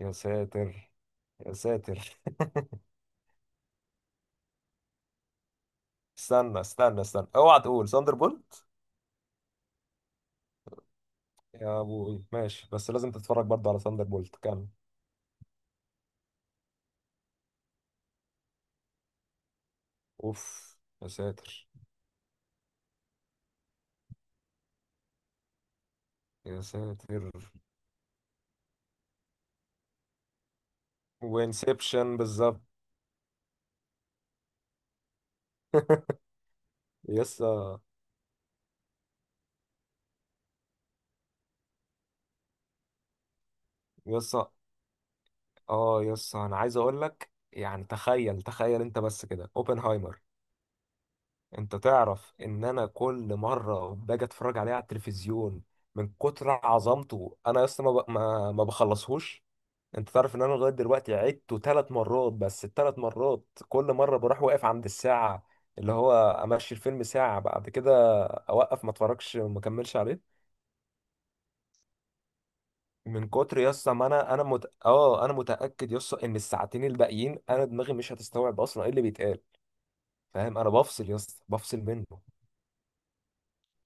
يا ساتر، يا ساتر. استنى استنى استنى، اوعى تقول ثاندر بولت. يا ابوي ماشي، بس لازم تتفرج برضه على ثاندر بولت كمل. اوف. يا ساتر، يا ساتر. وانسبشن بالظبط. يسا، يسا، اه يسا، انا عايز اقول لك يعني تخيل تخيل انت بس كده اوبنهايمر. انت تعرف ان انا كل مره باجي اتفرج عليه على التلفزيون، من كتر عظمته انا يسا ما ب- ما ما بخلصهوش. انت تعرف ان انا لغايه دلوقتي عدته 3 مرات، بس الثلاث مرات كل مره بروح واقف عند الساعه اللي هو امشي الفيلم ساعه بعد كده اوقف ما اتفرجش وما اكملش عليه. من كتر يسطا ما انا انا مت... اه انا متاكد يسطا ان الساعتين الباقيين انا دماغي مش هتستوعب اصلا ايه اللي بيتقال. فاهم انا بفصل يسطا، بفصل منه.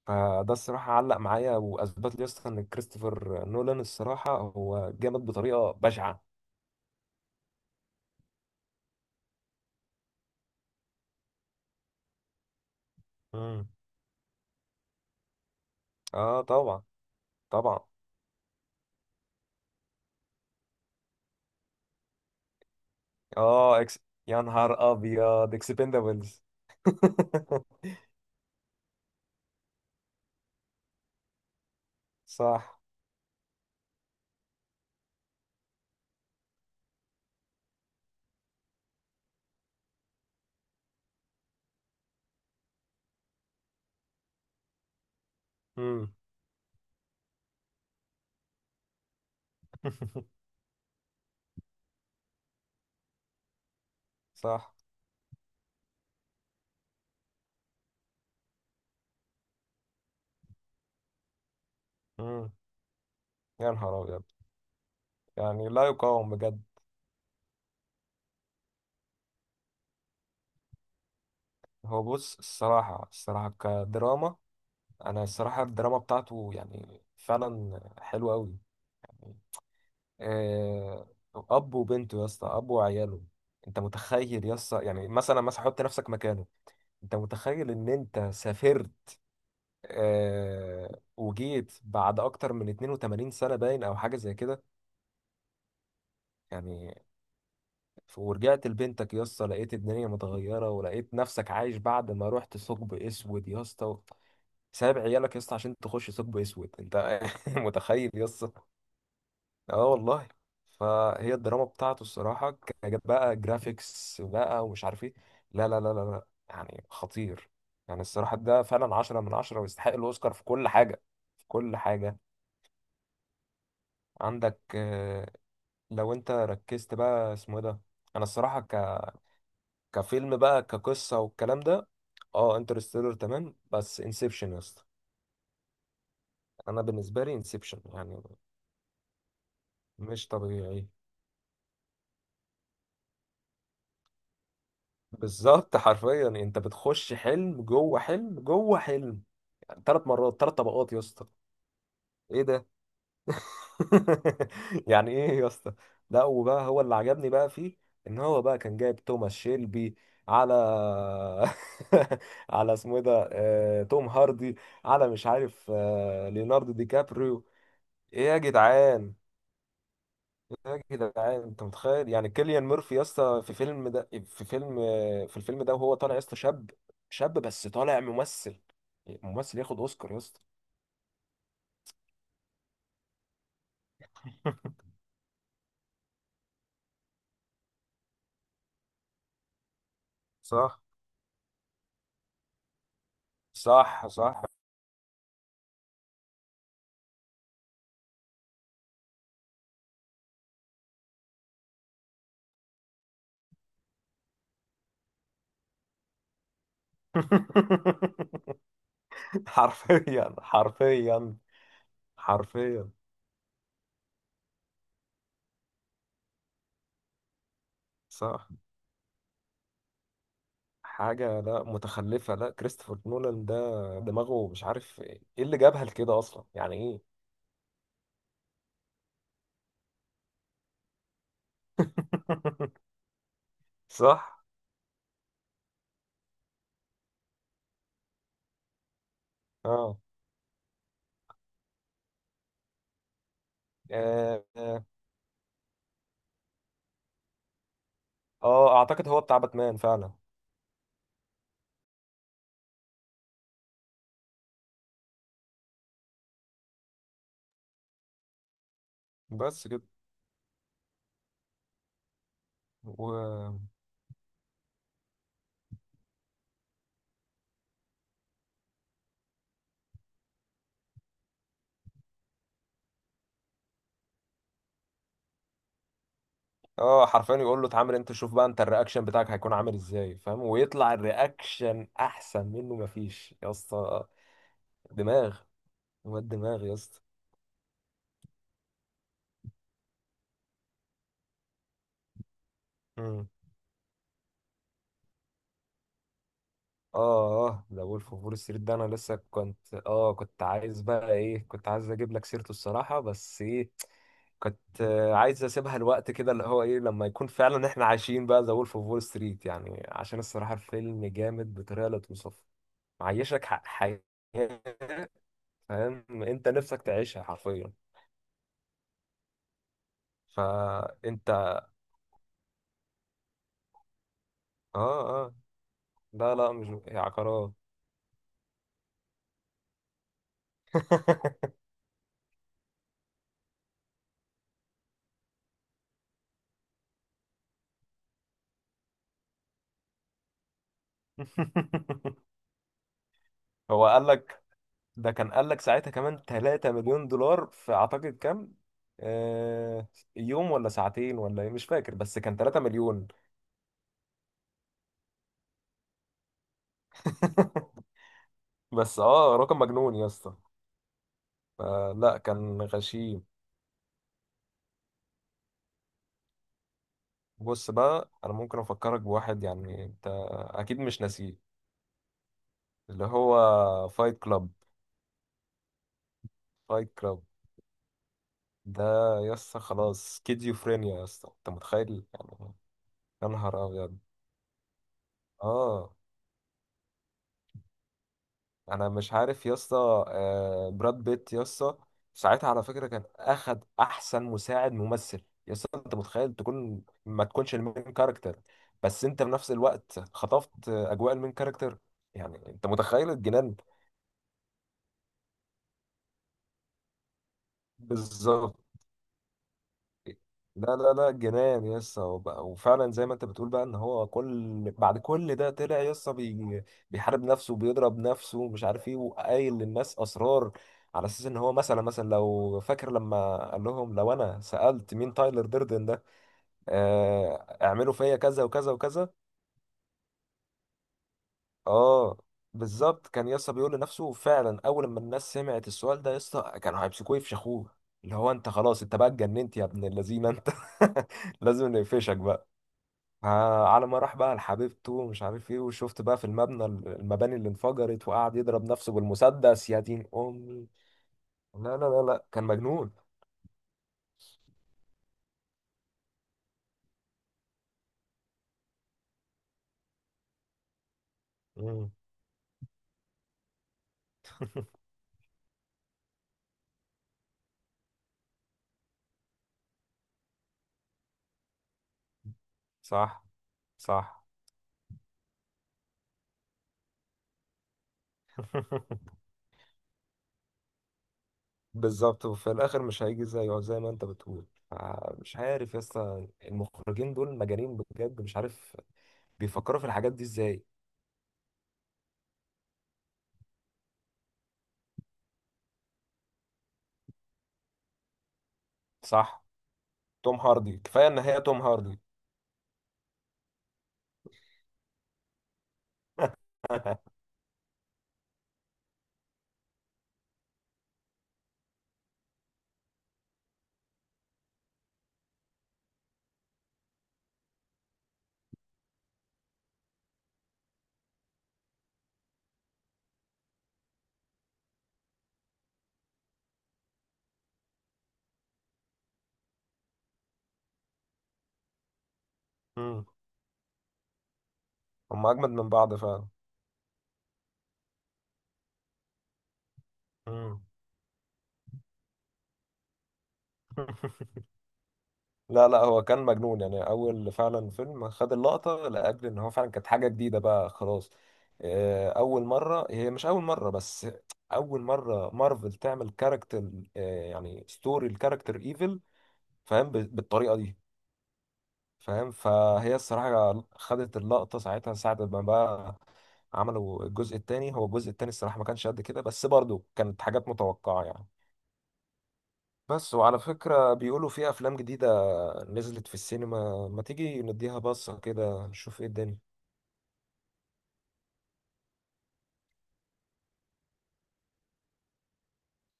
فده الصراحه علق معايا واثبت لي يسطا ان كريستوفر نولان الصراحه هو جامد بطريقه بشعه. مم. اه طبعا، طبعا. اه يا نهار ابيض اكسبندبلز. صح. امم. صح. امم. يا نهار ابيض. يعني لا يقاوم بجد. هو بص الصراحه الصراحه كدراما، انا الصراحه الدراما بتاعته يعني فعلا حلوه قوي. آه، اب وبنته يا اسطى، اب وعياله. انت متخيل يا اسطى يعني مثلا مثلا حط نفسك مكانه. انت متخيل ان انت سافرت وجيت بعد اكتر من 82 سنه باين او حاجه زي كده؟ يعني ورجعت لبنتك يا اسطى لقيت الدنيا متغيره ولقيت نفسك عايش بعد ما رحت ثقب اسود يا اسطى. سايب عيالك يا اسطى عشان تخش ثقب اسود انت. متخيل يا اسطى؟ اه والله. فهي الدراما بتاعته الصراحه. كانت بقى جرافيكس بقى ومش عارف ايه، لا لا لا لا لا يعني خطير. يعني الصراحه ده فعلا عشرة من عشرة ويستحق الاوسكار في كل حاجه، في كل حاجه. عندك لو انت ركزت بقى اسمه إيه ده. انا الصراحه كفيلم بقى كقصة والكلام ده، اه انترستيلر تمام، بس انسبشن يا اسطى. انا بالنسبة لي انسبشن يعني مش طبيعي. بالظبط حرفيا، انت بتخش حلم جوه حلم جوه حلم. يعني ثلاث مرات، 3 طبقات يا اسطى. ايه ده؟ يعني ايه يا اسطى؟ لا، وبقى هو اللي عجبني بقى فيه ان هو بقى كان جايب توماس شيلبي على على اسمه ايه ده توم هاردي، على مش عارف ليوناردو دي كابريو. ايه يا جدعان. ايه يا جدعان، انت متخيل يعني كيليان ميرفي يا اسطى في فيلم ده في فيلم في الفيلم ده وهو طالع يا اسطى شاب، شاب بس طالع ممثل، ممثل ياخد اوسكار يا اسطى. صح، صح، صح. حرفيا، حرفيا، حرفيا. صح. حاجة لا، متخلفة لا، كريستوفر نولان ده دماغه مش عارف ايه اللي جابها لكده اصلا، يعني ايه. صح. اه. آه، آه. اه اعتقد هو بتاع باتمان فعلا. بس كده. و... اه حرفيا يقول له اتعامل انت، شوف بقى انت الرياكشن بتاعك هيكون عامل ازاي فاهم، ويطلع الرياكشن احسن منه. مفيش يا اسطى. دماغ، واد دماغ يا اسطى. مم. اه اه، ده وولف اوف وول ستريت ده انا لسه كنت عايز بقى ايه، كنت عايز اجيب لك سيرته الصراحه، بس ايه، كنت عايز اسيبها الوقت كده اللي هو ايه لما يكون فعلا احنا عايشين بقى ذا وولف اوف وول ستريت، يعني عشان الصراحه الفيلم جامد بطريقه لا توصف. معيشك حياة، فاهم انت نفسك تعيشها حرفيا. فانت اه، اه، لا لا مش هي عقارات. هو قال لك، ده كان قال لك ساعتها كمان 3 مليون دولار في اعتقد كام، آه يوم ولا ساعتين ولا ايه مش فاكر، بس كان 3 مليون. بس اه رقم مجنون يا اسطى. آه لا، كان غشيم. بص بقى انا ممكن افكرك بواحد يعني انت اكيد مش ناسيه، اللي هو فايت كلاب. فايت كلاب ده، يسا خلاص سكيزوفرينيا يسا، انت متخيل يعني. يا نهار ابيض. اه انا مش عارف يسا، آه براد بيت يسا، ساعتها على فكرة كان اخد احسن مساعد ممثل. يسا انت متخيل تكون ما تكونش المين كاركتر، بس انت في نفس الوقت خطفت اجواء المين كاركتر، يعني انت متخيل الجنان. بالظبط. لا لا لا جنان يسا. وبقى وفعلا زي ما انت بتقول بقى ان هو بعد كل ده طلع يسا بيحارب نفسه وبيضرب نفسه ومش عارف ايه، وقايل للناس اسرار على اساس ان هو، مثلا مثلا لو فاكر لما قال لهم لو انا سألت مين تايلر ديردن ده، آه، اعملوا فيا كذا وكذا وكذا. اه بالظبط، كان يسا بيقول لنفسه فعلا. اول ما الناس سمعت السؤال ده يسا كانوا هيمسكوه يفشخوه، اللي هو انت خلاص، انت بقى اتجننت يا ابن اللذينه انت. لازم نقفشك بقى. على ما راح بقى لحبيبته ومش عارف ايه، وشفت بقى في المباني اللي انفجرت وقعد يضرب نفسه بالمسدس يا دين امي. لا لا لا لا، كان مجنون. مم. صح، صح. بالظبط، وفي الاخر مش هيجي زيه زي ما انت بتقول. مش عارف يا اسطى، المخرجين دول مجانين بجد، مش عارف بيفكروا في الحاجات دي ازاي. صح. توم هاردي كفايه ان هي توم هاردي. مم. هم اجمد من بعض فعلا. مم. لا لا، هو كان مجنون يعني. اول فعلا فيلم خد اللقطه لاجل ان هو فعلا كانت حاجه جديده بقى خلاص. اول مره، هي مش اول مره بس، اول مره مارفل تعمل كاركتر يعني ستوري الكاركتر ايفل فاهم بالطريقه دي فاهم. فهي الصراحه خدت اللقطه ساعتها. ساعه ما بقى عملوا الجزء الثاني، هو الجزء الثاني الصراحه ما كانش قد كده، بس برضه كانت حاجات متوقعه يعني. بس وعلى فكره بيقولوا في افلام جديده نزلت في السينما، ما تيجي نديها بصة كده نشوف ايه الدنيا.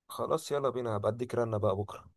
خلاص يلا بينا، هبقى اديك رنة بقى بكرة.